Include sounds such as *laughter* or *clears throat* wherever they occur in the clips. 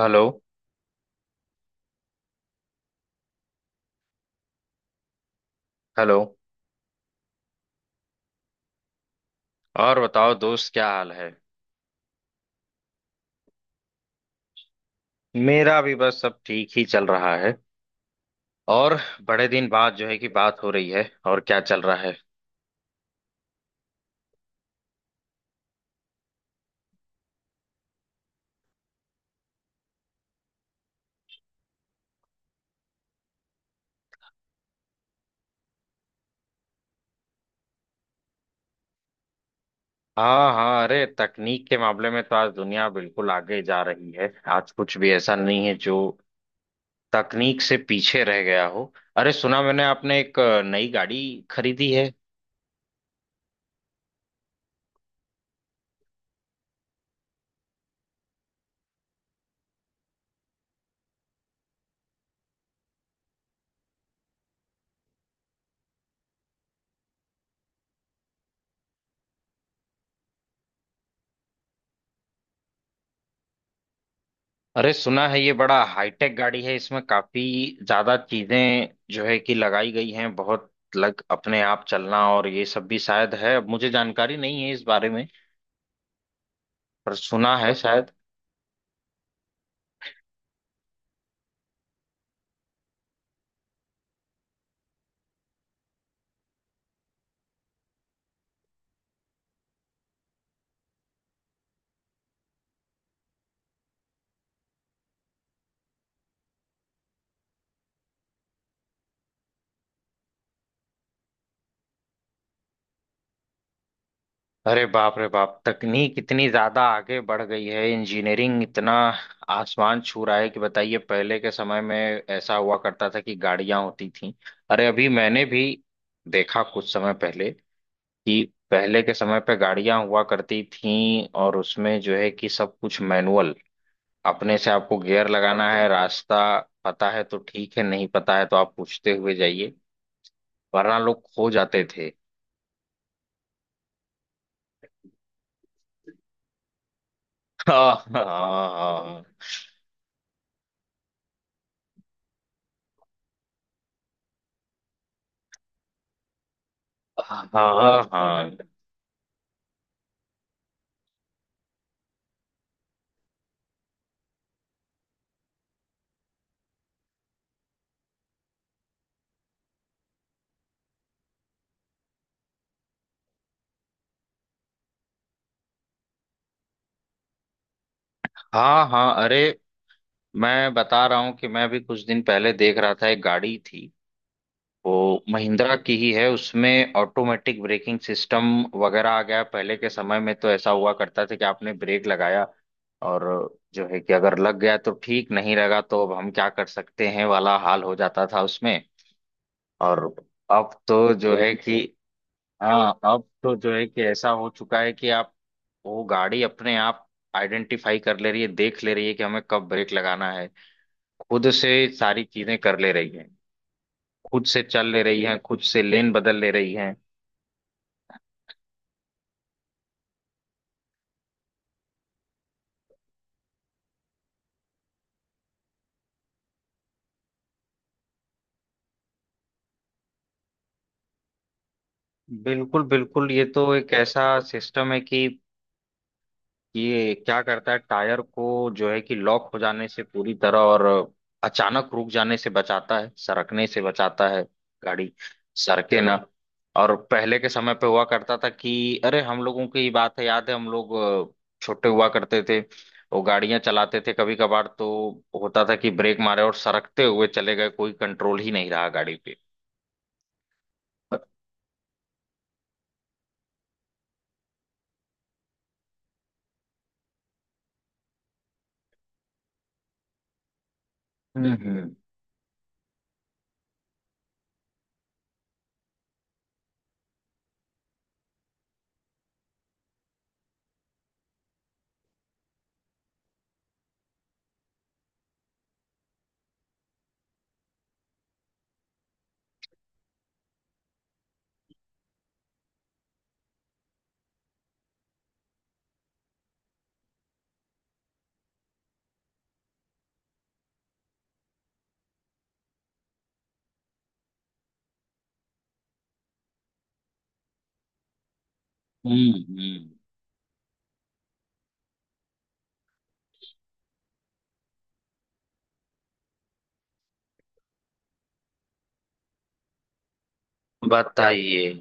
Hello. Hello. और बताओ दोस्त क्या हाल है। मेरा भी बस सब ठीक ही चल रहा है। और बड़े दिन बाद जो है कि बात हो रही है और क्या चल रहा है। हाँ, हाँ, अरे तकनीक के मामले में तो आज दुनिया बिल्कुल आगे जा रही है। आज कुछ भी ऐसा नहीं है जो तकनीक से पीछे रह गया हो। अरे सुना मैंने आपने एक नई गाड़ी खरीदी है। अरे सुना है ये बड़ा हाईटेक गाड़ी है। इसमें काफी ज्यादा चीजें जो है कि लगाई गई हैं। बहुत लग अपने आप चलना और ये सब भी शायद है। अब मुझे जानकारी नहीं है इस बारे में। पर सुना है शायद। अरे बाप रे बाप तकनीक इतनी ज्यादा आगे बढ़ गई है। इंजीनियरिंग इतना आसमान छू रहा है। कि बताइए पहले के समय में ऐसा हुआ करता था कि गाड़ियां होती थी। अरे अभी मैंने भी देखा कुछ समय पहले कि पहले के समय पे गाड़ियां हुआ करती थीं और उसमें जो है कि सब कुछ मैनुअल। अपने से आपको गियर लगाना है। रास्ता पता है तो ठीक है। नहीं पता है तो आप पूछते हुए जाइए वरना लोग खो जाते थे। हाँ, हाँ। हाँ, हाँ। हाँ, हाँ। अरे मैं बता रहा हूँ कि मैं भी कुछ दिन पहले देख रहा था। एक गाड़ी थी, वो महिंद्रा की ही है। उसमें ऑटोमेटिक ब्रेकिंग सिस्टम वगैरह आ गया। पहले के समय में तो ऐसा हुआ करता था कि आपने ब्रेक लगाया और जो है कि अगर लग गया तो ठीक, नहीं लगा तो अब हम क्या कर सकते हैं वाला हाल हो जाता था उसमें। और अब तो जो है कि हाँ, अब तो जो है कि ऐसा हो चुका है कि आप, वो गाड़ी अपने आप आइडेंटिफाई कर ले रही है। देख ले रही है कि हमें कब ब्रेक लगाना है। खुद से सारी चीजें कर ले रही है। खुद से चल ले रही हैं। खुद से लेन बदल ले रही हैं। बिल्कुल, बिल्कुल ये तो एक ऐसा सिस्टम है कि ये क्या करता है, टायर को जो है कि लॉक हो जाने से पूरी तरह और अचानक रुक जाने से बचाता है। सरकने से बचाता है। गाड़ी सरके ना। और पहले के समय पे हुआ करता था कि अरे हम लोगों की बात है, याद है हम लोग छोटे हुआ करते थे। वो गाड़ियां चलाते थे कभी कभार। तो होता था कि ब्रेक मारे और सरकते हुए चले गए। कोई कंट्रोल ही नहीं रहा गाड़ी पे। हम्म। हम्म। हम्म, हम्म। बताइए।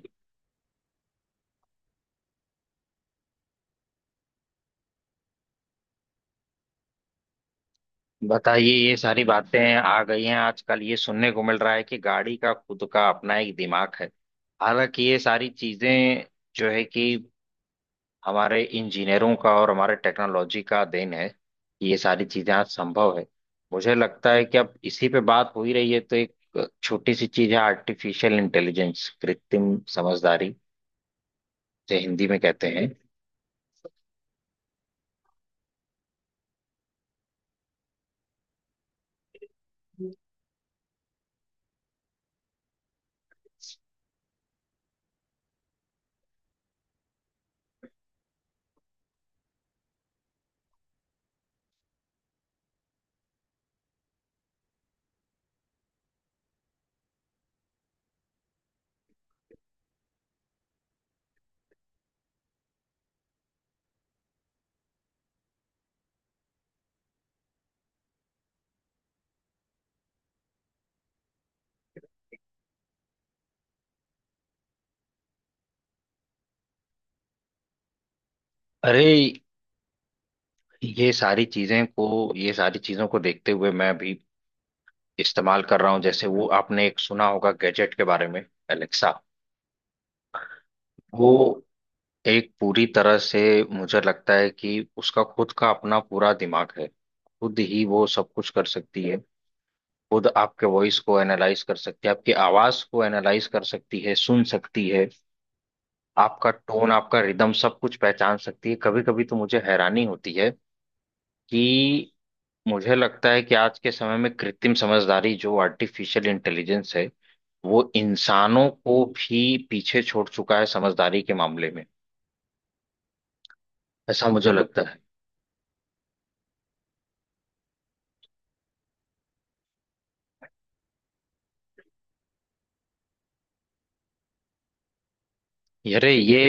बताइए ये सारी बातें आ गई हैं। आजकल ये सुनने को मिल रहा है कि गाड़ी का खुद का अपना एक दिमाग है। हालांकि ये सारी चीजें जो है कि हमारे इंजीनियरों का और हमारे टेक्नोलॉजी का देन है कि ये सारी चीजें आज संभव है। मुझे लगता है कि अब इसी पे बात हो ही रही है तो एक छोटी सी चीज है आर्टिफिशियल इंटेलिजेंस, कृत्रिम समझदारी जो हिंदी में कहते हैं। अरे ये सारी चीजों को देखते हुए, मैं अभी इस्तेमाल कर रहा हूँ। जैसे वो आपने एक सुना होगा गैजेट के बारे में, एलेक्सा। वो एक पूरी तरह से, मुझे लगता है कि उसका खुद का अपना पूरा दिमाग है। खुद ही वो सब कुछ कर सकती है। खुद आपके वॉइस को एनालाइज कर सकती है। आपकी आवाज को एनालाइज कर सकती है। सुन सकती है। आपका टोन, आपका रिदम सब कुछ पहचान सकती है। कभी कभी तो मुझे हैरानी होती है कि, मुझे लगता है कि आज के समय में कृत्रिम समझदारी, जो आर्टिफिशियल इंटेलिजेंस है, वो इंसानों को भी पीछे छोड़ चुका है समझदारी के मामले में। ऐसा मुझे लगता है। अरे ये।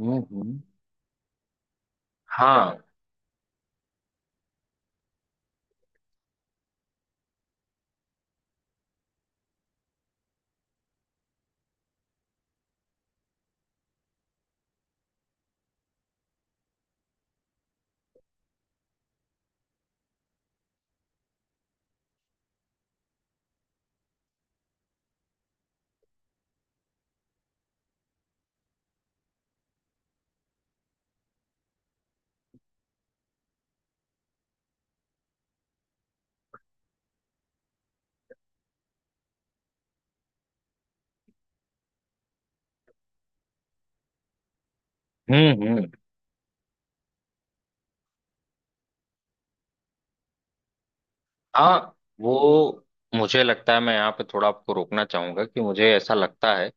हम्म, हम्म। हाँ। हम्म। हम्म। हाँ। वो, मुझे लगता है मैं यहाँ पे थोड़ा आपको रोकना चाहूंगा कि मुझे ऐसा लगता है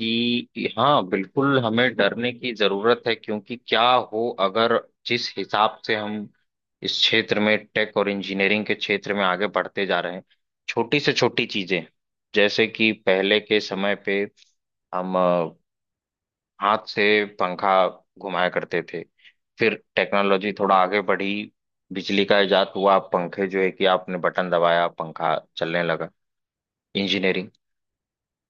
कि हाँ बिल्कुल हमें डरने की जरूरत है। क्योंकि क्या हो अगर, जिस हिसाब से हम इस क्षेत्र में, टेक और इंजीनियरिंग के क्षेत्र में आगे बढ़ते जा रहे हैं। छोटी से छोटी चीजें, जैसे कि पहले के समय पे हम हाथ से पंखा घुमाया करते थे। फिर टेक्नोलॉजी थोड़ा आगे बढ़ी। बिजली का इजाद हुआ। पंखे, जो है कि आपने बटन दबाया पंखा चलने लगा। इंजीनियरिंग।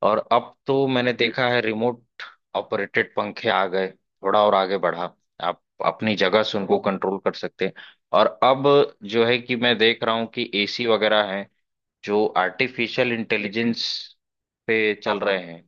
और अब तो मैंने देखा है रिमोट ऑपरेटेड पंखे आ गए। थोड़ा और आगे बढ़ा, आप अपनी जगह से उनको कंट्रोल कर सकते हैं। और अब जो है कि मैं देख रहा हूँ कि एसी वगैरह हैं जो आर्टिफिशियल इंटेलिजेंस पे चल रहे हैं।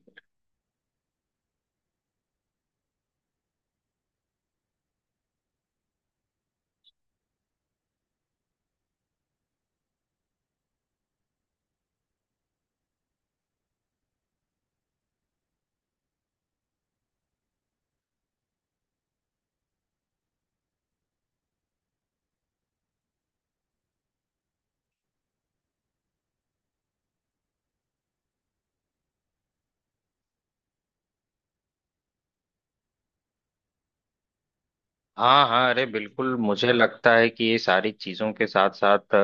हाँ, हाँ, अरे बिल्कुल, मुझे लगता है कि ये सारी चीजों के साथ साथ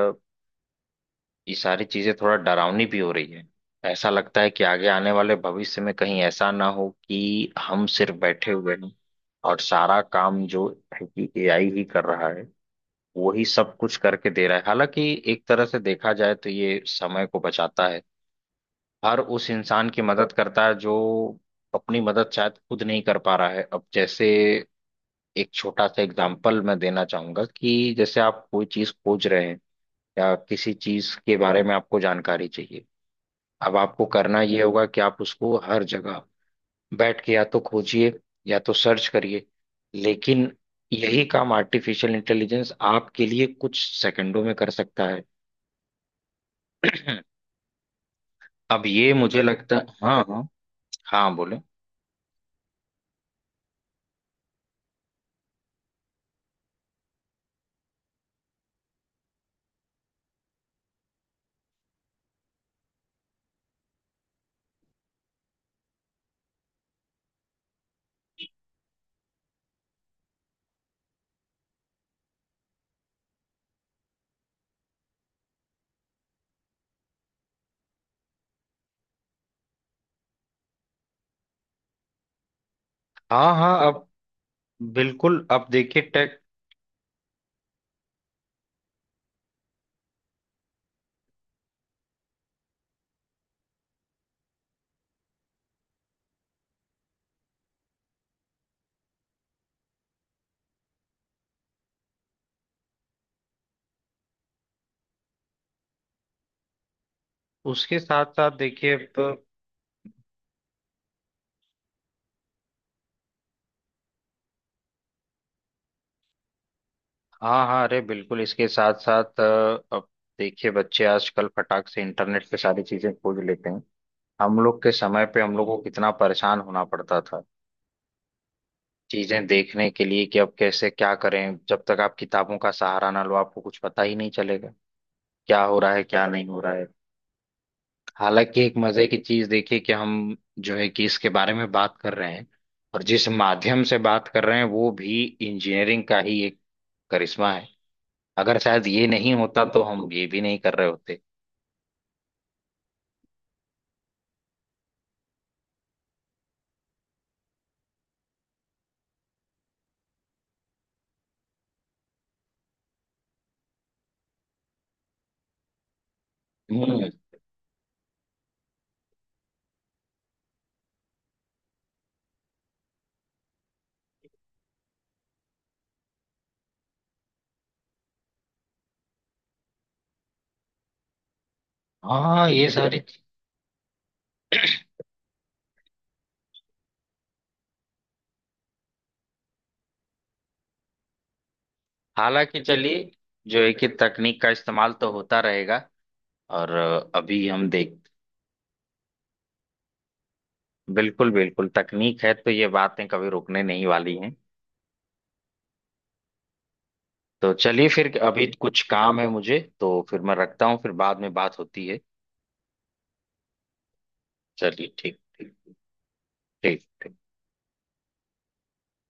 ये सारी चीजें थोड़ा डरावनी भी हो रही है। ऐसा लगता है कि आगे आने वाले भविष्य में कहीं ऐसा ना हो कि हम सिर्फ बैठे हुए हैं और सारा काम जो है कि एआई ही कर रहा है। वो ही सब कुछ करके दे रहा है। हालांकि एक तरह से देखा जाए तो ये समय को बचाता है। हर उस इंसान की मदद करता है जो अपनी मदद शायद खुद नहीं कर पा रहा है। अब जैसे एक छोटा सा एग्जांपल मैं देना चाहूंगा, कि जैसे आप कोई चीज खोज रहे हैं या किसी चीज के बारे में आपको जानकारी चाहिए। अब आपको करना ये होगा कि आप उसको हर जगह बैठ के या तो खोजिए, या तो सर्च करिए। लेकिन यही काम आर्टिफिशियल इंटेलिजेंस आपके लिए कुछ सेकंडों में कर सकता है। *clears throat* अब ये, मुझे लगता है, हाँ, हाँ। हाँ बोले। हाँ, हाँ। अब बिल्कुल। अब देखिए टेक, उसके साथ साथ देखिए अब। हाँ, हाँ, अरे बिल्कुल इसके साथ साथ अब देखिए, बच्चे आजकल फटाक से इंटरनेट पे सारी चीजें खोज लेते हैं। हम लोग के समय पे हम लोग को कितना परेशान होना पड़ता था चीजें देखने के लिए, कि अब कैसे क्या करें जब तक आप किताबों का सहारा ना लो आपको कुछ पता ही नहीं चलेगा, क्या हो रहा है क्या नहीं हो रहा है। हालांकि एक मजे की चीज देखिए कि हम जो है कि इसके बारे में बात कर रहे हैं, और जिस माध्यम से बात कर रहे हैं वो भी इंजीनियरिंग का ही एक करिश्मा है। अगर शायद ये नहीं होता तो हम ये भी नहीं कर रहे होते। हम्म, हाँ। ये सारी, हालांकि चलिए, जो है कि तकनीक का इस्तेमाल तो होता रहेगा। और अभी हम देख, बिल्कुल, बिल्कुल, तकनीक है तो ये बातें कभी रुकने नहीं वाली हैं। तो चलिए फिर, अभी कुछ काम है मुझे तो फिर मैं रखता हूँ। फिर बाद में बात होती है। चलिए ठीक, ठीक, ठीक। ठीक।